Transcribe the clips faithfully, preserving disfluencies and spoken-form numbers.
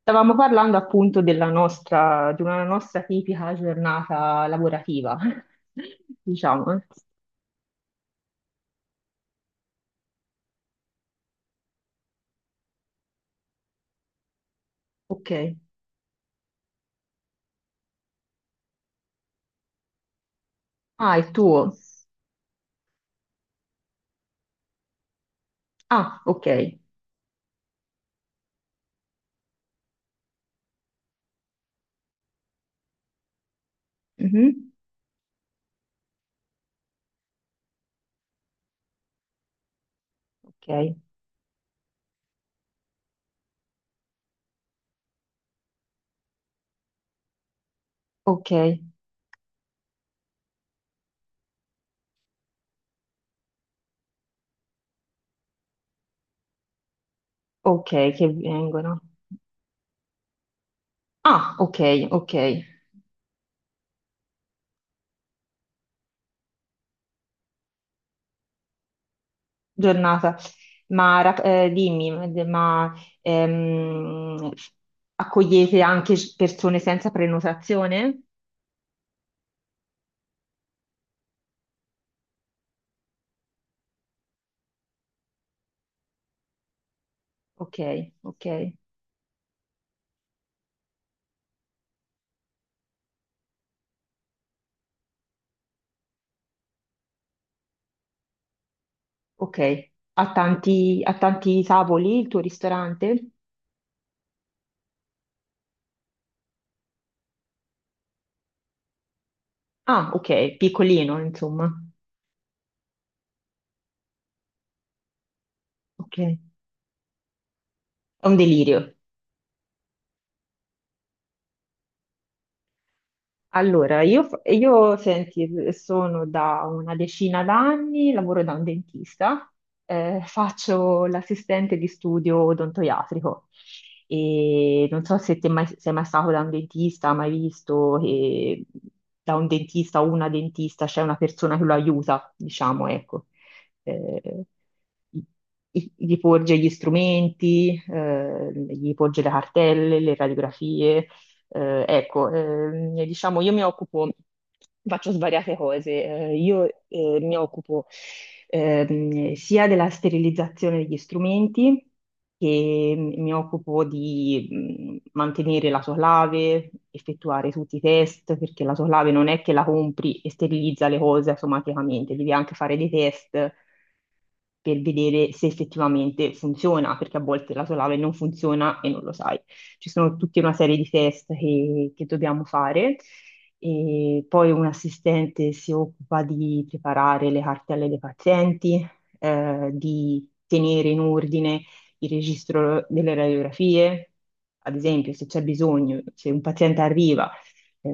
Stavamo parlando appunto della nostra, di una nostra tipica giornata lavorativa, diciamo. eh. Ok. Ah, il tuo. Ah, ok. Mhm. Ok, ok, ok, che vengono. Ah, ok, ok. Giornata. Ma ra- eh, dimmi, ma ehm, accogliete anche persone senza prenotazione? Ok, ok. Ok, ha tanti, ha tanti tavoli il tuo ristorante? Ah, ok, piccolino, insomma. Ok, è un delirio. Allora, io, fa- io, senti, sono da una decina d'anni, lavoro da un dentista, eh, faccio l'assistente di studio odontoiatrico e non so se te mai, sei mai stato da un dentista, mai visto che da un dentista o una dentista c'è una persona che lo aiuta, diciamo, ecco, eh, gli gli porge gli strumenti, eh, gli porge le cartelle, le radiografie eh, ecco, ehm, diciamo, io mi occupo, faccio svariate cose. Eh, io eh, mi occupo ehm, sia della sterilizzazione degli strumenti, che mi occupo di mh, mantenere la soclave, effettuare tutti i test, perché la soclave non è che la compri e sterilizza le cose automaticamente, devi anche fare dei test per vedere se effettivamente funziona, perché a volte la soclave non funziona e non lo sai, ci sono tutta una serie di test che, che dobbiamo fare. E poi un assistente si occupa di preparare le cartelle dei pazienti, eh, di tenere in ordine il registro delle radiografie. Ad esempio, se c'è bisogno, se un paziente arriva, eh,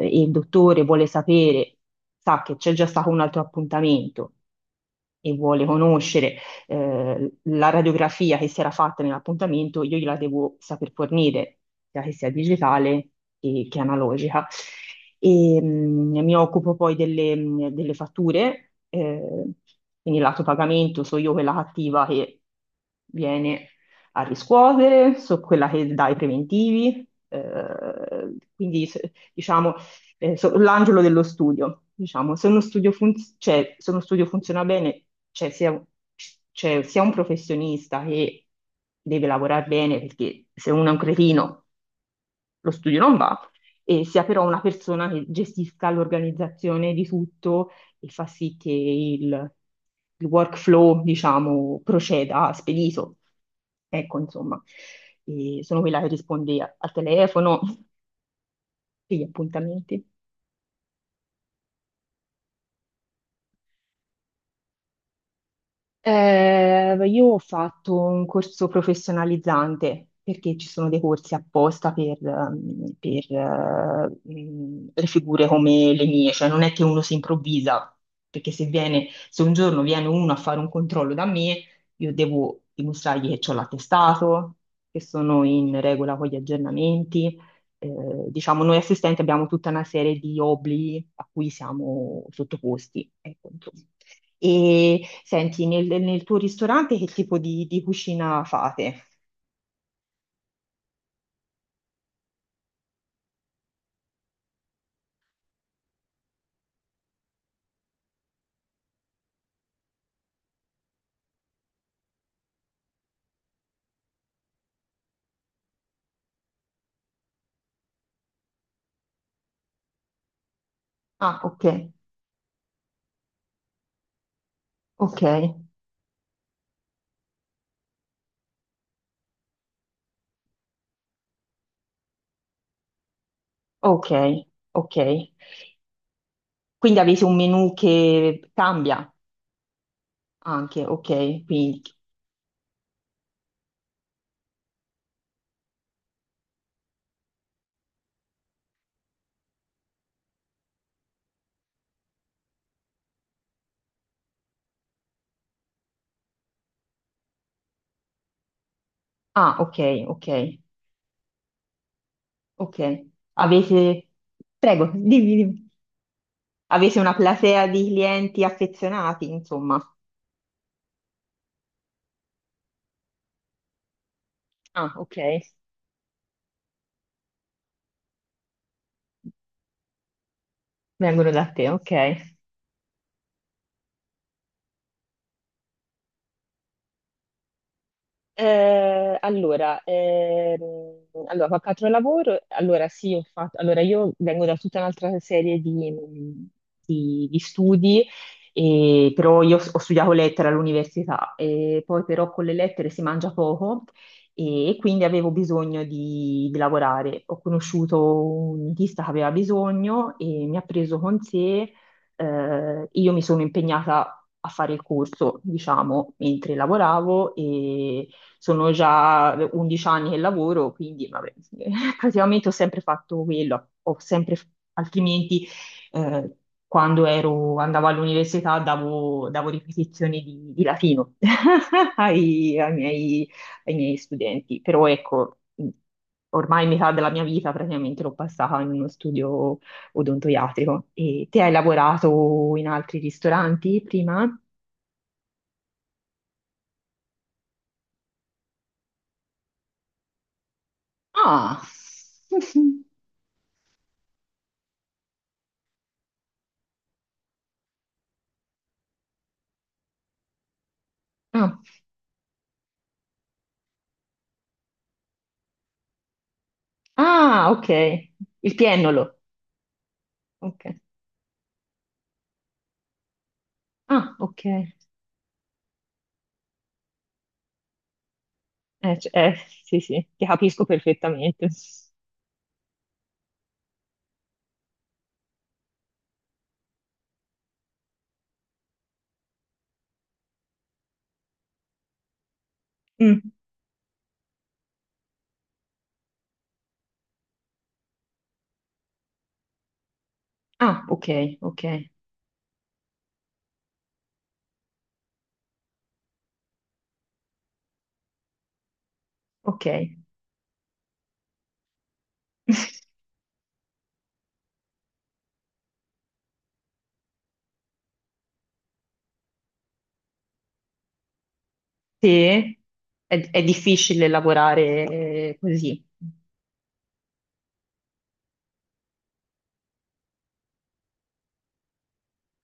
e il dottore vuole sapere, sa che c'è già stato un altro appuntamento e vuole conoscere eh, la radiografia che si era fatta nell'appuntamento, io gliela devo saper fornire, sia che sia digitale che, che analogica. E, mh, mi occupo poi delle, mh, delle fatture, eh, quindi lato pagamento, so io quella cattiva che viene a riscuotere, so quella che dà i preventivi, eh, quindi s- diciamo eh, so- l'angelo dello studio, diciamo. Se uno studio, fun- cioè, se uno studio funziona bene, c'è sia, c'è sia un professionista che deve lavorare bene, perché se uno è un cretino, lo studio non va, e sia però una persona che gestisca l'organizzazione di tutto e fa sì che il, il workflow, diciamo, proceda spedito. Ecco, insomma. E sono quella che risponde a- al telefono, degli appuntamenti. Eh, io ho fatto un corso professionalizzante perché ci sono dei corsi apposta per, ehm, per, eh, mh, le figure come le mie, cioè non è che uno si improvvisa, perché se viene, se un giorno viene uno a fare un controllo da me, io devo dimostrargli che ho l'attestato, che sono in regola con gli aggiornamenti. Eh, diciamo, noi assistenti abbiamo tutta una serie di obblighi a cui siamo sottoposti. Ecco, insomma. E senti, nel, nel tuo ristorante che tipo di, di cucina fate? Ah, ok, ok, ok, ok. Quindi avete un menù che cambia anche, ok. Quindi, ah, ok, ok, ok. Avete, prego, dimmi, dimmi. Avete una platea di clienti affezionati, insomma. Ah, ok. Vengono da te, ok. Eh, allora, ehm, allora, qualche altro lavoro? Allora, sì, ho fatto, allora io vengo da tutta un'altra serie di, di- di studi, e- però io ho studiato lettere all'università, e poi però con le lettere si mangia poco e, e quindi avevo bisogno di, di lavorare. Ho conosciuto un dentista che aveva bisogno e mi ha preso con sé, eh, io mi sono impegnata a fare il corso, diciamo, mentre lavoravo, sono già undici anni che lavoro, quindi vabbè, praticamente ho sempre fatto quello, ho sempre, altrimenti eh, quando ero- andavo all'università, davo, davo ripetizioni di, di latino ai, ai miei, ai miei studenti, però ecco, ormai metà della mia vita praticamente l'ho passata in uno studio odontoiatrico. E te hai lavorato in altri ristoranti prima? Ah, Ah, ok. Il piennolo. Ok. Ah, ok. Eh, c- eh, sì, sì, ti capisco perfettamente. Mm. Ah, ok, ok, ok. Sì, è, è difficile lavorare eh, così.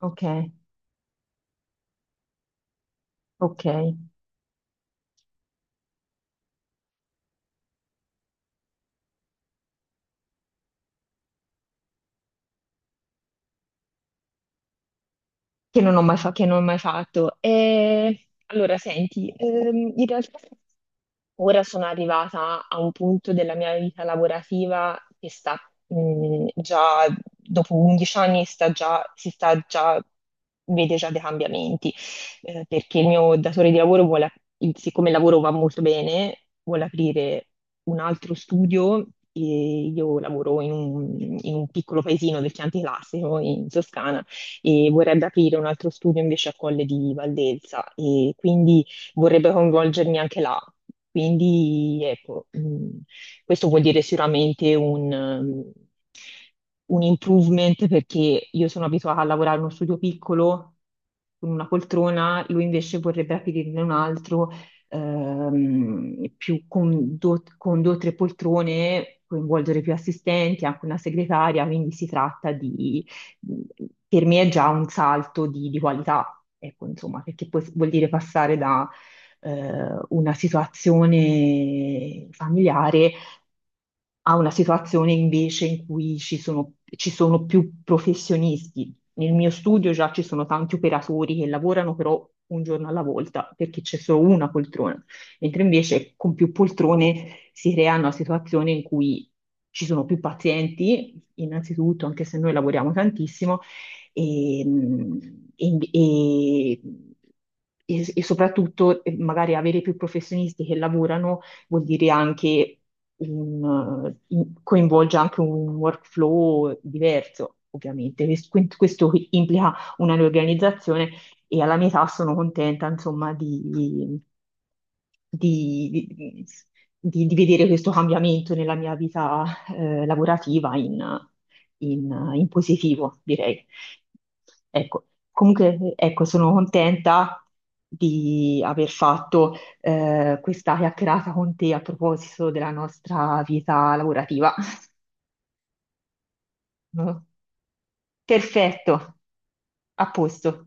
Ok, ok. che non ho mai, fa- che non ho mai fatto. E, allora, senti, ehm, in realtà ora sono arrivata a un punto della mia vita lavorativa che sta, mh, già, dopo undici anni, sta già, si sta già, vede già dei cambiamenti, eh, perché il mio datore di lavoro vuole, ap- il- siccome il lavoro va molto bene, vuole aprire un altro studio. E io lavoro in un, in un piccolo paesino del Chianti Classico in Toscana, e vorrebbe aprire un altro studio invece a Colle di Valdelsa e quindi vorrebbe coinvolgermi anche là. Quindi ecco, mh, questo vuol dire sicuramente un, ehm, un improvement, perché io sono abituata a lavorare in uno studio piccolo con una poltrona, lui invece vorrebbe aprirne un altro ehm, più con, do- con due o tre poltrone, coinvolgere più assistenti, anche una segretaria, quindi si tratta di, per me è già un salto di, di qualità, ecco, insomma, perché poi vuol dire passare da eh, una situazione familiare a una situazione invece in cui ci sono, ci sono più professionisti. Nel mio studio già ci sono tanti operatori che lavorano però un giorno alla volta perché c'è solo una poltrona, mentre invece con più poltrone si creano situazioni in cui ci sono più pazienti, innanzitutto, anche se noi lavoriamo tantissimo, e, e- e- e- e soprattutto eh, magari avere più professionisti che lavorano vuol dire anche un, eh, in- coinvolge anche un workflow diverso. Ovviamente, Ques- questo implica una riorganizzazione, e alla mia età sono contenta, insomma, di, di, di- di- di vedere questo cambiamento nella mia vita eh, lavorativa in, in- in positivo, direi. Ecco, comunque, ecco, sono contenta di aver fatto eh, questa chiacchierata con te a proposito della nostra vita lavorativa. Perfetto, a posto.